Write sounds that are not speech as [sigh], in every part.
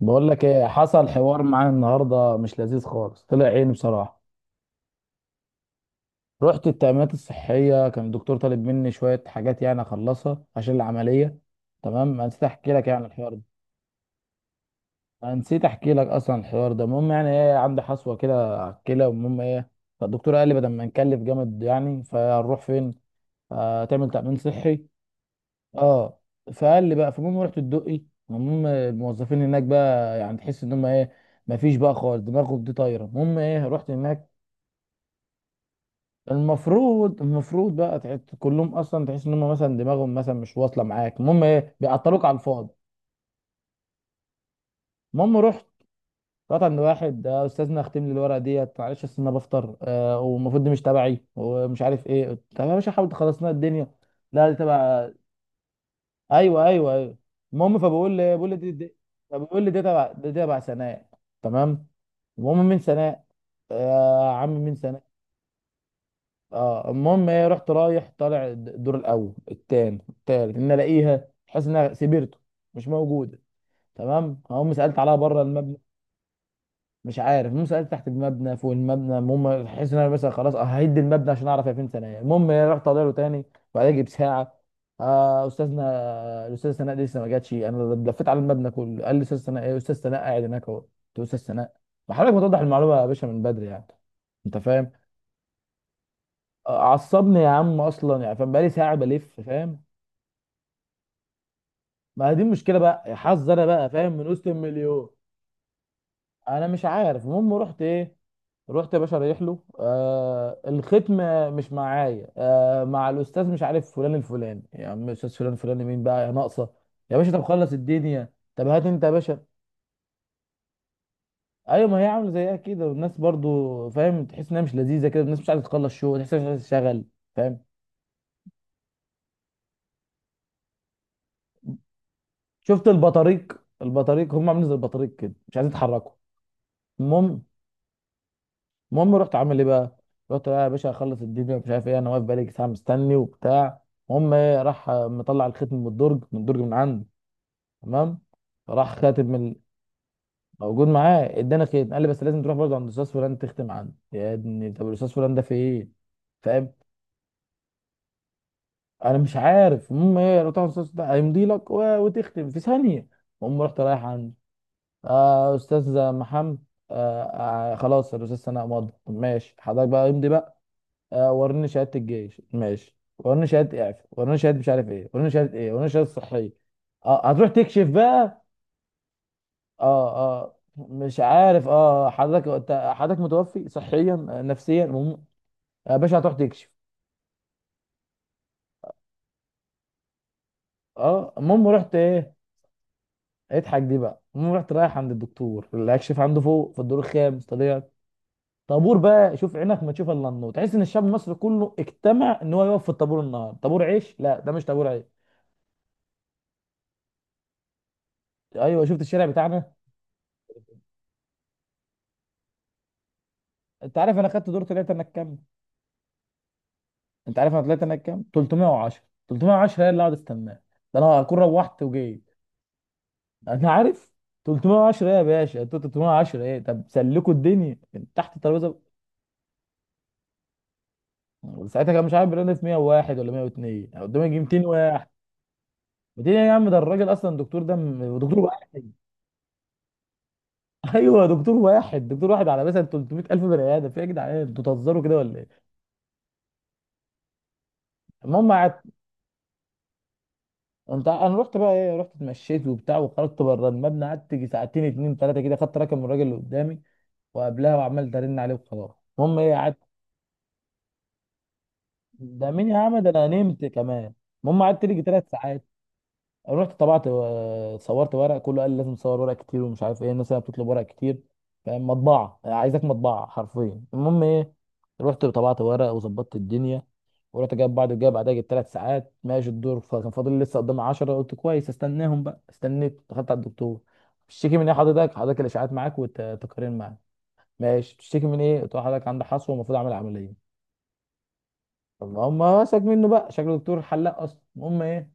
بقول لك ايه حصل حوار معايا النهارده، مش لذيذ خالص، طلع عيني بصراحه. رحت التأمينات الصحيه، كان الدكتور طالب مني شويه حاجات يعني اخلصها عشان العمليه. تمام، انا نسيت احكي لك يعني الحوار ده. انا نسيت احكي لك اصلا الحوار ده. المهم يعني ايه، عندي حصوه كده على الكلى، والمهم ايه، فالدكتور قال لي بدل ما نكلف جامد يعني فنروح فين. آه تعمل تأمين صحي. اه. فقال لي بقى، فالمهم رحت الدقي. المهم الموظفين هناك بقى يعني تحس ان هم ايه، مفيش بقى خالص، دماغهم دي طايره. المهم ايه، رحت هناك. المفروض بقى تحس كلهم، اصلا تحس ان هم مثلا دماغهم مثلا مش واصله معاك. المهم ايه، بيعطلوك على الفاضي. المهم رحت عند واحد. استاذنا، اختم لي الورقه ديت، معلش اصل انا بفطر، والمفروض دي مش تبعي ومش عارف ايه. طب يا باشا، حاول تخلص لنا الدنيا. لا دي تبع. ايوه ايوه ايوه. المهم فبقول لي دي. فبقول لي دي تبع، دي تبع سناء. تمام. المهم من سناء. آه يا عم، من سناء. اه. المهم ايه، رحت رايح طالع الدور الاول التاني التالت، ان الاقيها، حاسس انها سبيرتو، مش موجوده. تمام، هقوم سالت عليها بره المبنى. مش عارف. المهم سالت تحت المبنى، فوق المبنى، المهم حاسس ان انا مثلا خلاص ههد المبنى عشان اعرف هي فين. ثانيه، المهم ايه، رحت طالع له تاني، وبعدين اجيب ساعه. آه استاذنا، الاستاذ سناء دي لسه ما جاتش، انا لفيت على المبنى كله. قال لي استاذ سناء؟ ايه استاذ سناء؟ قاعد هناك اهو. قلت له استاذ سناء؟ ما حضرتك ما توضح المعلومه يا باشا من بدري يعني. انت فاهم؟ عصبني يا عم اصلا يعني، فاهم، بقالي ساعه بلف، فاهم. ما دي المشكله بقى، يا حظ انا بقى، فاهم، من وسط المليون. انا مش عارف. المهم رحت ايه، رحت يا باشا رايح له. آه الختم، مش معايا، مع الاستاذ مش عارف فلان الفلاني. يا عم، استاذ فلان الفلاني مين بقى يا ناقصه؟ يا باشا، طب خلص الدنيا، طب هات انت يا باشا. ايوه، ما هي عامله زيها كده، والناس برضو فاهم، تحس انها مش لذيذه كده، الناس مش عايزه تخلص شغل، تحس إنها مش عايزه تشتغل. فاهم؟ شفت البطاريق، البطاريق هم عاملين زي البطاريق كده، مش عايزين يتحركوا. المهم. المهم رحت عامل ايه بقى؟ رحت بقى يا باشا اخلص الدنيا ومش عارف ايه، انا واقف بقالي ساعه مستني وبتاع. المهم ايه، راح مطلع الختم من الدرج، من الدرج من عنده. تمام؟ فراح خاتم من موجود معاه، اداني ختم، قال لي بس لازم تروح برضه عند الاستاذ فلان تختم عنده. يا ابني طب الاستاذ فلان ده في ايه؟ فاهم؟ انا مش عارف. المهم ايه، رحت عند الاستاذ ده. هيمضي لك وتختم في ثانيه. المهم رحت رايح عنده. آه استاذ محمد. آه. آه خلاص، الاستاذ سناء مضى. طب ماشي حضرتك بقى، امضي بقى. آه، وريني شهاده الجيش، ماشي، وريني شهاده اعفاء، وريني شهاده مش عارف ايه، وريني شهاده ايه، وريني شهاده صحيه. اه هتروح تكشف بقى. اه اه مش عارف، اه حضرتك حضرتك متوفي صحيا، نفسيا. المهم يا باشا هتروح تكشف. اه. المهم رحت ايه، اضحك دي بقى. المهم رحت رايح عند الدكتور اللي هكشف عنده، فوق في الدور الخامس طلعت. طابور بقى، شوف عينك ما تشوف الا النور، تحس ان الشعب المصري كله اجتمع ان هو يقف في الطابور النهارده. طابور عيش؟ لا، ده مش طابور عيش. ايوه، شفت الشارع بتاعنا. انت عارف انا خدت دور طلعت انا كام؟ انت عارف انا طلعت انا كام؟ 310. 310 هي اللي قاعد استناه، ده انا هكون روحت وجيت. انا عارف. 310 ايه يا باشا، انتوا 310 ايه؟ طب سلكوا الدنيا، كان تحت الترابيزه. ساعتها كان مش عارف بيرانا في 101 ولا 102، أنا قدامي يجي 200 واحد. 200 يا عم، ده الراجل اصلا دكتور ده دكتور واحد. [laughs] ايوه، دكتور واحد، دكتور واحد على مثلا 300000 بني ادم. في ايه يا جدعان، انتوا بتهزروا كده ولا ايه؟ المهم. انت انا رحت بقى ايه، رحت اتمشيت وبتاع وخرجت بره المبنى، قعدت يجي ساعتين، اتنين تلاته كده، خدت رقم الراجل اللي قدامي، وقبلها وعمال ارن عليه، وخلاص. المهم ايه قعدت. ده مين يا عم، ده انا نمت كمان. المهم قعدت يجي تلات ساعات. رحت طبعت صورت ورق، كله قال لي لازم تصور ورق كتير ومش عارف ايه. الناس هنا بتطلب ورق كتير. فاهم؟ مطبعه عايزاك، مطبعه حرفيا. المهم ايه، رحت طبعت ورق وظبطت الدنيا، ورحت جايب بعد، جايب بعدها، جبت ثلاث ساعات ماشي الدور، فكان فاضل لي لسه قدامي 10. قلت كويس استناهم بقى. استنيت، دخلت على الدكتور. بتشتكي من ايه حضرتك؟ حضرتك الاشاعات معاك والتقارير معاك؟ ماشي، بتشتكي من ايه؟ قلت له حضرتك عندك حصوه ومفروض اعمل عمليه. طب ما هم مسك منه بقى، شكله دكتور حلاق اصلا. المهم ايه،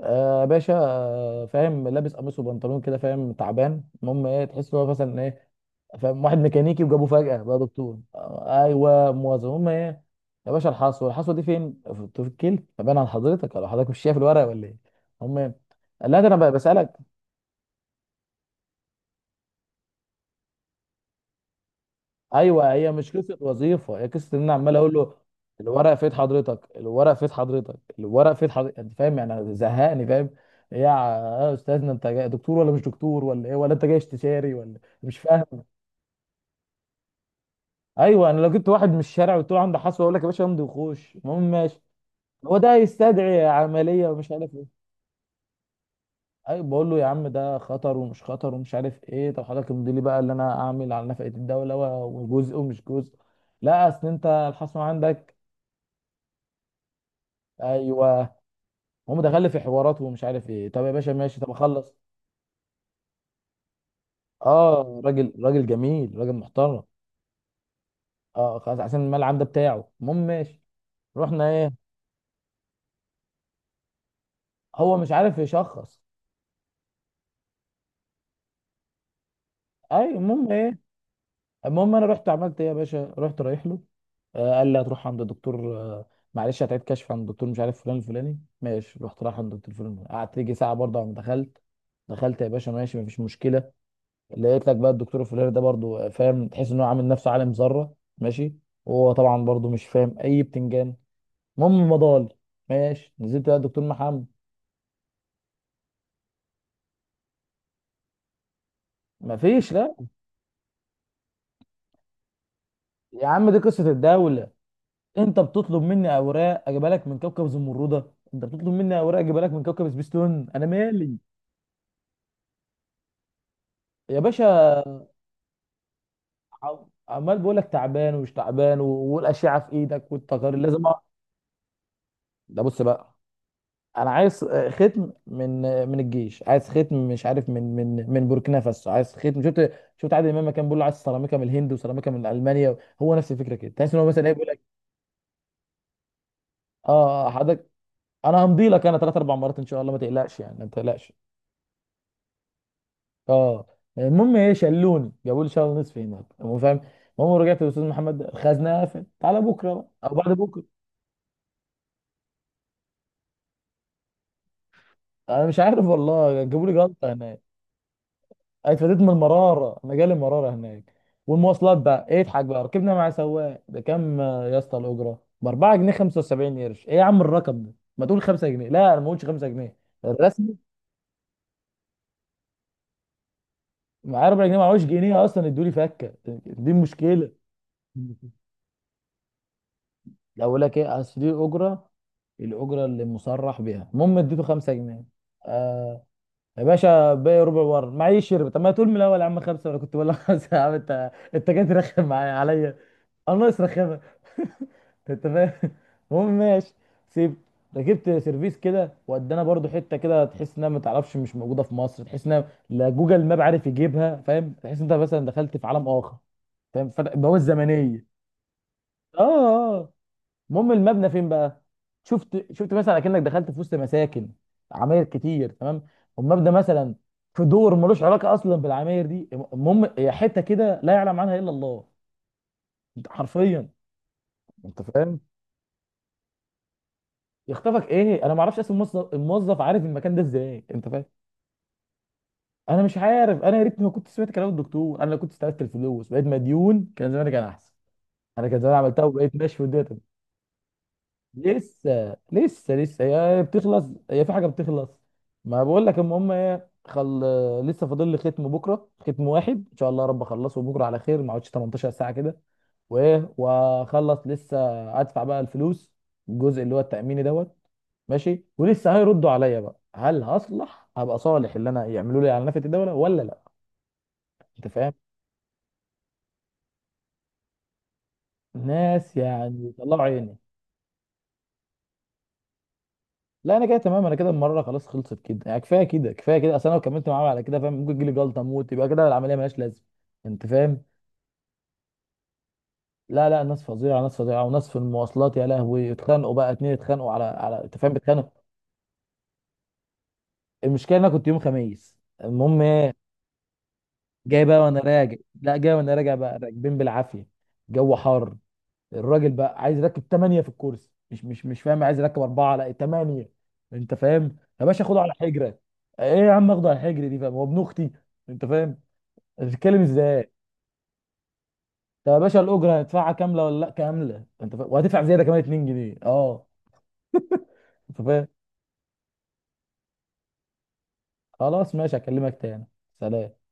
آه باشا فاهم، لابس قميص وبنطلون كده، فاهم تعبان. المهم ايه، تحس ان هو مثلا ايه، فاهم، واحد ميكانيكي وجابوه فجأة بقى دكتور. آه ايوه، موظف. المهم ايه، يا باشا الحصوة، الحصوة دي فين؟ في في الكيل فبان على حضرتك؟ ولا حضرتك مش شايف الورق ولا ايه؟ المهم إيه، قال لا ده انا بقى بسألك. ايوه، هي مش قصه وظيفه، هي قصه ان انا عمال اقول له الورق في ايد حضرتك، الورق في ايد حضرتك، الورق في ايد حضرتك. انت فاهم يعني، أنا زهقني، فاهم. إيه يا استاذنا، انت جاي دكتور ولا مش دكتور ولا ايه؟ ولا انت جاي استشاري ولا مش فاهم. ايوه، انا لو جبت واحد من الشارع وقلت له عنده حصوه، اقول لك يا باشا امضي وخش. المهم ماشي. هو ده يستدعي عمليه ومش عارف ايه. ايوه، بقول له يا عم ده خطر ومش خطر ومش عارف ايه، طب حضرتك امضي لي بقى اللي انا اعمل على نفقه الدوله، وجزء ومش جزء. لا اصل انت الحصوه عندك. ايوه، هم دخل لي في حوارات ومش عارف ايه. طب يا باشا ماشي، طب اخلص. اه، راجل، راجل جميل، راجل محترم. اه خلاص، عشان الملعب ده بتاعه، المهم ماشي. رحنا ايه. هو مش عارف يشخص. اي. المهم ايه، المهم انا رحت عملت ايه يا باشا، رحت رايح له. آه قال لي هتروح عند الدكتور. آه معلش، هتعيد كشف عند الدكتور مش عارف فلان الفلاني. ماشي، رحت رايح عند الدكتور فلان الفلاني. قعدت يجي ساعه برضه، عم دخلت. دخلت يا باشا ماشي، مفيش مشكله. لقيت لك بقى الدكتور الفلاني ده برضو، فاهم، تحس ان هو عامل نفسه عالم ذره. ماشي. وهو طبعا برضو مش فاهم اي بتنجان. المهم مضال. ماشي، نزلت بقى الدكتور محمد. مفيش، لا. يا عم دي قصه الدوله، انت بتطلب مني اوراق اجيبها لك من كوكب زمرده، انت بتطلب مني اوراق اجيبها لك من كوكب سبيستون، انا مالي. يا باشا، عمال بقول لك تعبان ومش تعبان والاشعه في ايدك والتقارير لازم ده بص بقى، انا عايز ختم من، من الجيش، عايز ختم مش عارف من، من بوركينا فاسو، عايز ختم. شفت، شفت عادل امام كان بيقول له عايز سيراميكا من الهند وسيراميكا من المانيا؟ هو نفس الفكره كده، تحس ان هو مثلا ايه، بيقول لك اه. حضرتك، انا همضي لك انا ثلاث اربع مرات ان شاء الله، ما تقلقش يعني ما تقلقش. اه. المهم ايه، شلوني جابوا لي شهر ونصف هناك، هو فاهم. المهم رجعت للاستاذ محمد، الخزنه قفل، تعالى بكره بقى او بعد بكره. انا مش عارف والله، جابوا لي جلطه هناك. أنا اتفاديت من المراره، انا جالي مراره هناك. والمواصلات بقى ايه، اضحك بقى. ركبنا مع سواق، بكام؟ يا اسطى الاجره ب 4 جنيه 75 قرش، ايه يا عم الرقم ده؟ ما تقول 5 جنيه. لا انا ما قلتش 5 جنيه الرسمي، معايا 4 جنيه، معوش جنيه اصلا ادولي فكه. دي مشكله. لا اقول لك ايه، اصل دي الاجره، الاجره اللي مصرح بيها. المهم اديته 5 جنيه. آه، يا باشا باقي ربع ورا معيش. شرب؟ طب ما تقول من الاول يا عم خمسه، ولا كنت بقول لك خمسه يا عم، انت انت جاي ترخم معايا عليا؟ انا ناقص رخامه. [laughs] انت فاهم. المهم ماشي. سيب. ركبت سيرفيس كده، ودانا برضو حته كده تحس انها ما تعرفش مش موجوده في مصر، تحس انها لا جوجل ماب عارف يجيبها. فاهم، تحس انت مثلا دخلت في عالم اخر، فاهم، فتح بوابه زمنيه. اه. المهم المبنى فين بقى؟ شفت، شفت مثلا اكنك دخلت في وسط مساكن، عماير كتير. تمام. والمبنى مثلا في دور ملوش علاقه اصلا بالعماير دي. المهم هي حته كده لا يعلم عنها الا الله. انت حرفيا، انت فاهم. يخطفك ايه، انا ما اعرفش اصلا، الموظف، الموظف عارف المكان ده ازاي؟ انت فاهم. انا مش عارف. انا يا ريتني ما كنت سمعت كلام الدكتور، انا لو كنت استلفت الفلوس بقيت مديون كان زماني كان احسن، انا كان زماني عملتها وبقيت ماشي في الدنيا. لسه لسه لسه هي بتخلص، هي في حاجه بتخلص. ما بقول لك. المهم ايه، خل، لسه فاضل لي ختم بكره، ختم واحد ان شاء الله يا رب اخلصه بكره على خير، ما اقعدش 18 ساعه كده، وايه واخلص لسه. ادفع بقى الفلوس، الجزء اللي هو التاميني دوت. ماشي، ولسه هيردوا عليا بقى هل هصلح، هبقى صالح اللي انا يعملوا لي على نفقه الدوله ولا لا. انت فاهم. ناس يعني طلعوا عيني. لا انا كده تمام، انا كده المره خلاص خلصت كده يعني، كفايه كده كفايه كده، اصل انا لو كملت معاهم على كده فاهم ممكن تجيلي جلطه موت، يبقى كده العمليه ملهاش لازمه. انت فاهم. لا لا، ناس فظيعه، ناس فظيعه، وناس في المواصلات يا لهوي. اتخانقوا بقى اتنين، اتخانقوا على، على، انت فاهم، بيتخانقوا. المشكله ان انا كنت يوم خميس. المهم ايه، جاي بقى وانا راجع. لا جاي وانا راجع بقى، راكبين بالعافيه، جو حار، الراجل بقى عايز يركب ثمانيه في الكرسي، مش فاهم، عايز يركب اربعه لا ثمانيه. انت فاهم يا باشا، خده على حجره. ايه يا عم اخده على الحجر دي، فاهم هو ابن اختي؟ انت فاهم. تتكلم ازاي. طب يا باشا الاجره هندفعها كامله ولا لا كامله؟ انت فا... وهتدفع زياده كمان 2 جنيه. اه. انت فاهم. خلاص ماشي، هكلمك تاني. سلام.